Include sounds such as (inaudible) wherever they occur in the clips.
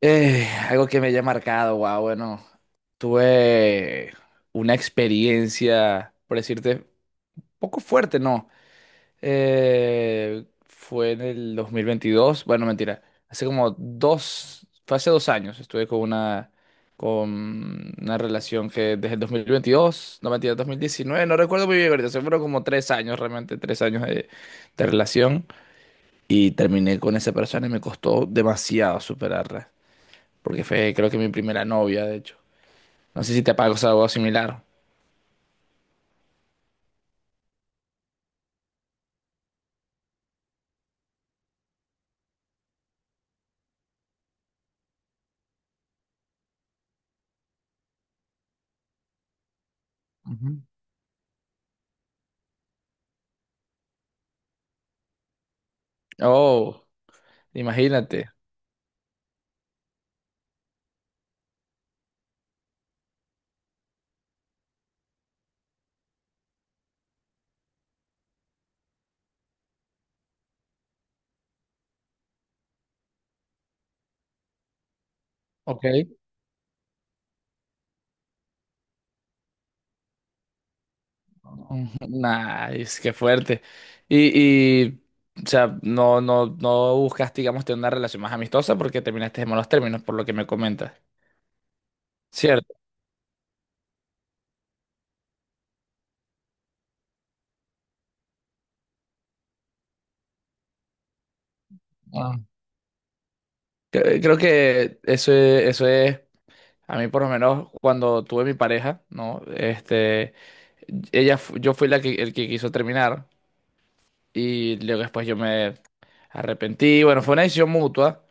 Algo que me haya marcado, wow, bueno, tuve una experiencia, por decirte, poco fuerte, ¿no? Fue en el 2022, bueno, mentira, hace como dos, fue hace dos años, estuve con una relación que desde el 2022, no mentira, 2019, no recuerdo muy bien ahorita, seguro como tres años, realmente tres años de relación y terminé con esa persona y me costó demasiado superarla porque fue creo que mi primera novia, de hecho. No sé si te pasó algo similar. Ujú. Oh, imagínate. Ok. (laughs) Nice, qué fuerte. Y, y, o sea, no buscaste, digamos, tener una relación más amistosa porque terminaste en malos términos, por lo que me comentas. Cierto. Ah. Creo que eso es, a mí por lo menos cuando tuve mi pareja, ¿no? Este, ella, yo fui la que, el que quiso terminar. Y luego después yo me arrepentí. Bueno, fue una decisión mutua,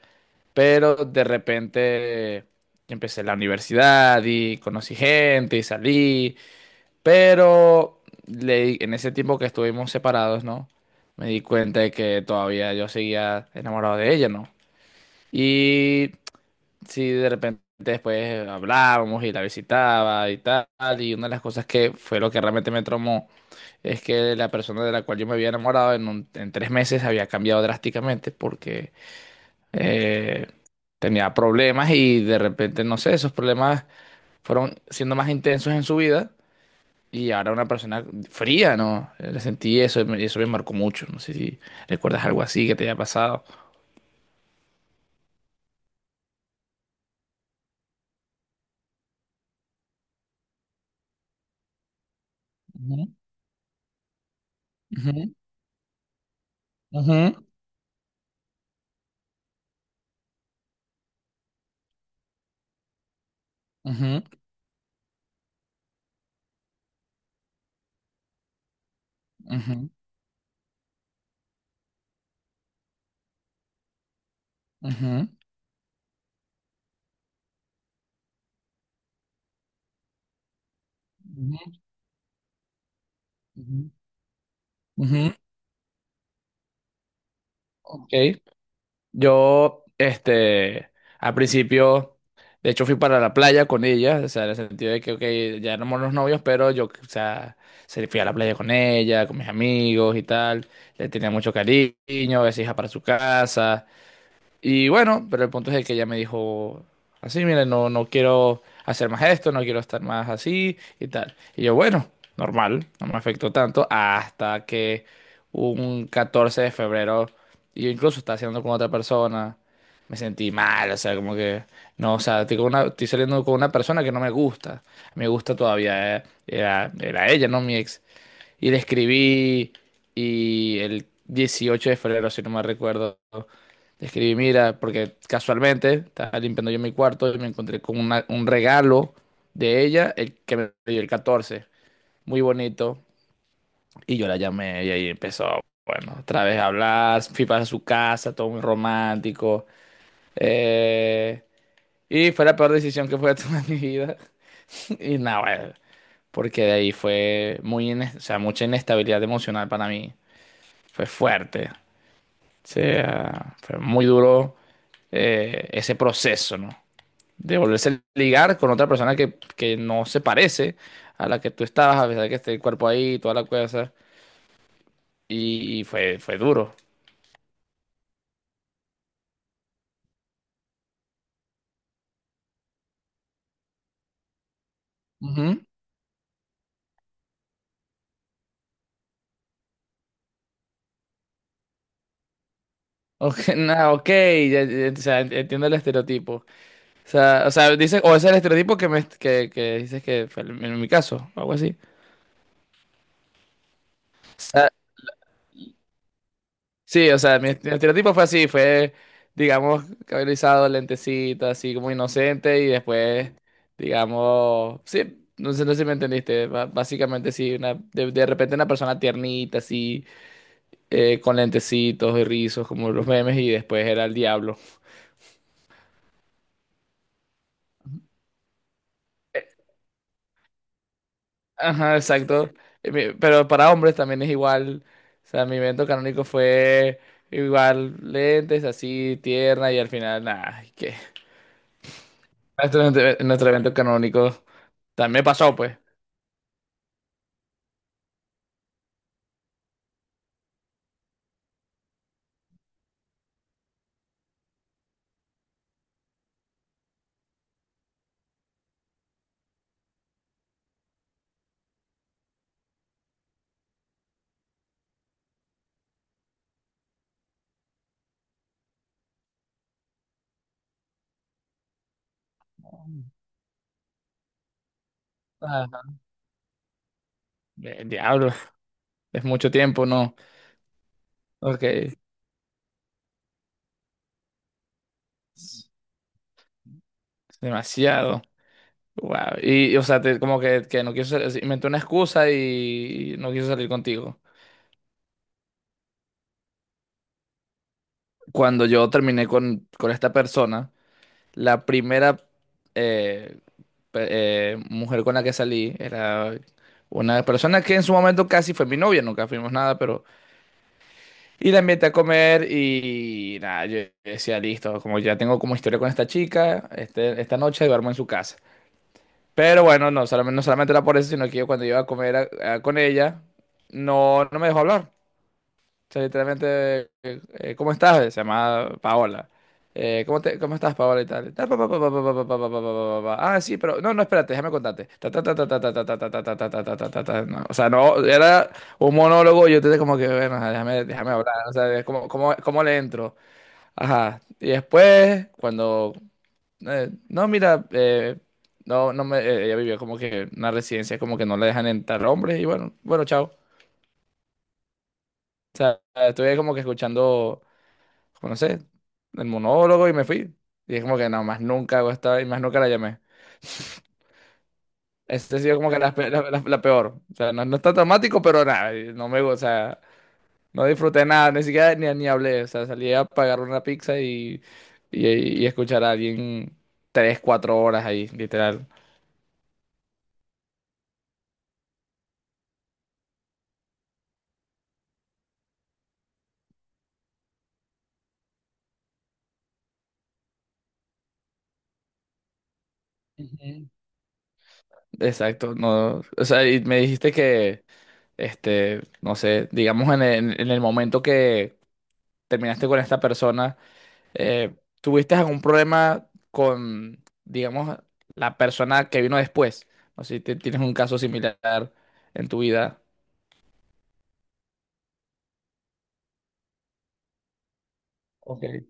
pero de repente yo empecé la universidad y conocí gente y salí. Pero en ese tiempo que estuvimos separados, ¿no? Me di cuenta de que todavía yo seguía enamorado de ella, ¿no? Y sí, de repente después hablábamos y la visitaba y tal. Y una de las cosas que fue lo que realmente me traumó es que la persona de la cual yo me había enamorado en tres meses había cambiado drásticamente porque eh, tenía problemas y de repente, no sé, esos problemas fueron siendo más intensos en su vida y ahora una persona fría, ¿no? Le sentí eso y eso me marcó mucho. No sé si recuerdas algo así que te haya pasado. Ujú, ujú, ujú, ujú, ujú, ujú, ujú, ujú, ujú. Ok. Yo, este, al principio, de hecho fui para la playa con ella, o sea, en el sentido de que, ok, ya éramos los novios, pero yo, o sea, fui a la playa con ella, con mis amigos y tal, le tenía mucho cariño, a veces iba para su casa, y bueno, pero el punto es de que ella me dijo así, mire, no, no quiero hacer más esto, no quiero estar más así y tal. Y yo, bueno, normal, no me afectó tanto hasta que un 14 de febrero, y yo incluso estaba haciendo con otra persona, me sentí mal, o sea, como que, no, o sea, estoy, estoy saliendo con una persona que no me gusta, me gusta todavía, era, era ella, no mi ex. Y le escribí y el 18 de febrero, si no me recuerdo, le escribí, mira, porque casualmente estaba limpiando yo mi cuarto y me encontré con un regalo de ella, el que me dio el catorce, muy bonito. Y yo la llamé y ahí empezó, bueno, otra vez a hablar, fui para su casa, todo muy romántico. eh, y fue la peor decisión que pude (laughs) tomar en mi vida. (laughs) Y nada, bueno, porque de ahí fue muy, o sea, mucha inestabilidad emocional para mí. Fue fuerte. O sea, fue muy duro ese proceso, ¿no? De volverse a ligar con otra persona que no se parece a la que tú estabas, a pesar de que esté el cuerpo ahí, toda la cosa. Y fue, fue duro. Ujú. Ok, (laughs) ok, ya, o sea, entiendo el estereotipo. O sea, dice, o es el estereotipo que dices que fue en mi caso, algo así. Sí, o sea, mi, mi estereotipo fue así, fue, digamos, cabello rizado, lentecito, así como inocente y después, digamos, sí, no sé, no sé si me entendiste, básicamente sí, de repente una persona tiernita, así, con lentecitos y rizos, como los memes, y después era el diablo. Eh, Ajá, exacto. Pero para hombres también es igual. O sea, mi evento canónico fue igual lentes, así, tierna, y al final, nada, ¿qué? (laughs) Nuestro evento canónico. También me pasó, pues. Ajá. Diablo, es mucho tiempo, ¿no? Ok, es demasiado. Wow. O sea, como que no quiso, inventó una excusa y no quiso salir contigo. Cuando yo terminé con esta persona, la primera eh, mujer con la que salí era una persona que en su momento casi fue mi novia, nunca fuimos nada, pero y la invité a comer y nada, yo decía, listo, como ya tengo como historia con esta chica, este, esta noche duermo en su casa. Pero bueno, no solamente era por eso, sino que yo cuando iba a comer con ella, no me dejó hablar, sea, literalmente, ¿cómo estás? Se llama Paola. ¿ Cómo estás, Paola y tal? Ta, pa, pa, pa, pa, pa, pa, pa, pa, pa, pa, pa, pa, pa. Ah, sí, pero no, no, espérate, déjame contarte. Ta, ta, ta, ta, ta, ta, ta, ta, ta, ta, ta, ta, ta, ta, ta, ta, ta. No, o sea, no, era un monólogo, yo te como que, bueno, déjame hablar, o sea, es como, cómo le entro. Ajá. Y después, cuando, no, mira, no me, ella vivía como que en una residencia, como que no le dejan entrar hombres, y bueno, chao. Ah, estuve como que escuchando, como no sé, el monólogo y me fui. Y es como que no, más nunca hago esta y más nunca la llamé. Este ha sido como que la, pe- la- la- la peor. O sea, no, no está dramático, pero nada, y no me, o sea, no disfruté nada, ni siquiera ni hablé. O sea, salí a pagar una pizza y escuchar a alguien tres, cuatro horas ahí, literal. Ujú. Exacto, no, o sea, y me dijiste que, este, no sé, digamos en el momento que terminaste con esta persona, Eh, ¿tuviste algún problema con, digamos, la persona que vino después? O si tienes un caso similar en tu vida. Ok. Y,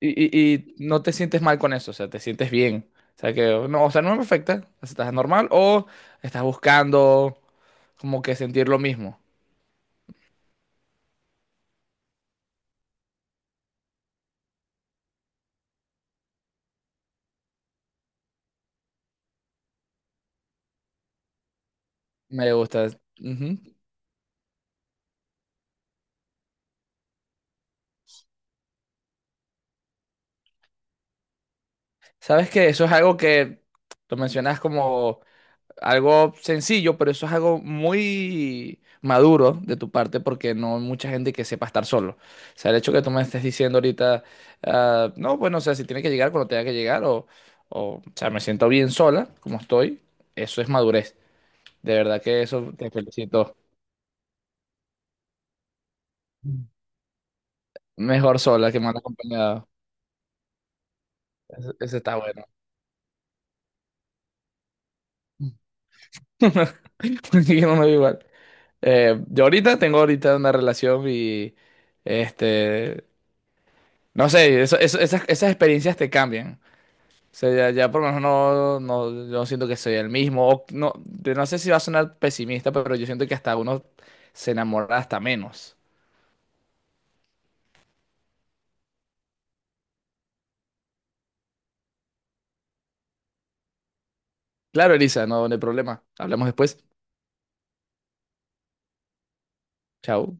y- Y no te sientes mal con eso, o sea, te sientes bien. O sea, que no, o sea, no me afecta, o sea, estás normal o estás buscando como que sentir lo mismo. Me gusta. Ujú. Sabes que eso es algo que lo mencionas como algo sencillo, pero eso es algo muy maduro de tu parte porque no hay mucha gente que sepa estar solo. O sea, el hecho que tú me estés diciendo ahorita, ah, no, bueno, o sea, si tiene que llegar cuando tenga que llegar o sea, me siento bien sola como estoy, eso es madurez. De verdad que eso te felicito. Mejor sola que mal acompañado. Eso está bueno. (laughs) Porque yo no me veo igual. Yo ahorita tengo ahorita una relación y este no sé, esas experiencias te cambian. O sea, ya por lo menos no, yo siento que soy el mismo. O no, de- No sé si va a sonar pesimista, pero yo siento que hasta uno se enamora hasta menos. Claro, Elisa, no hay problema. Hablamos después. Chao.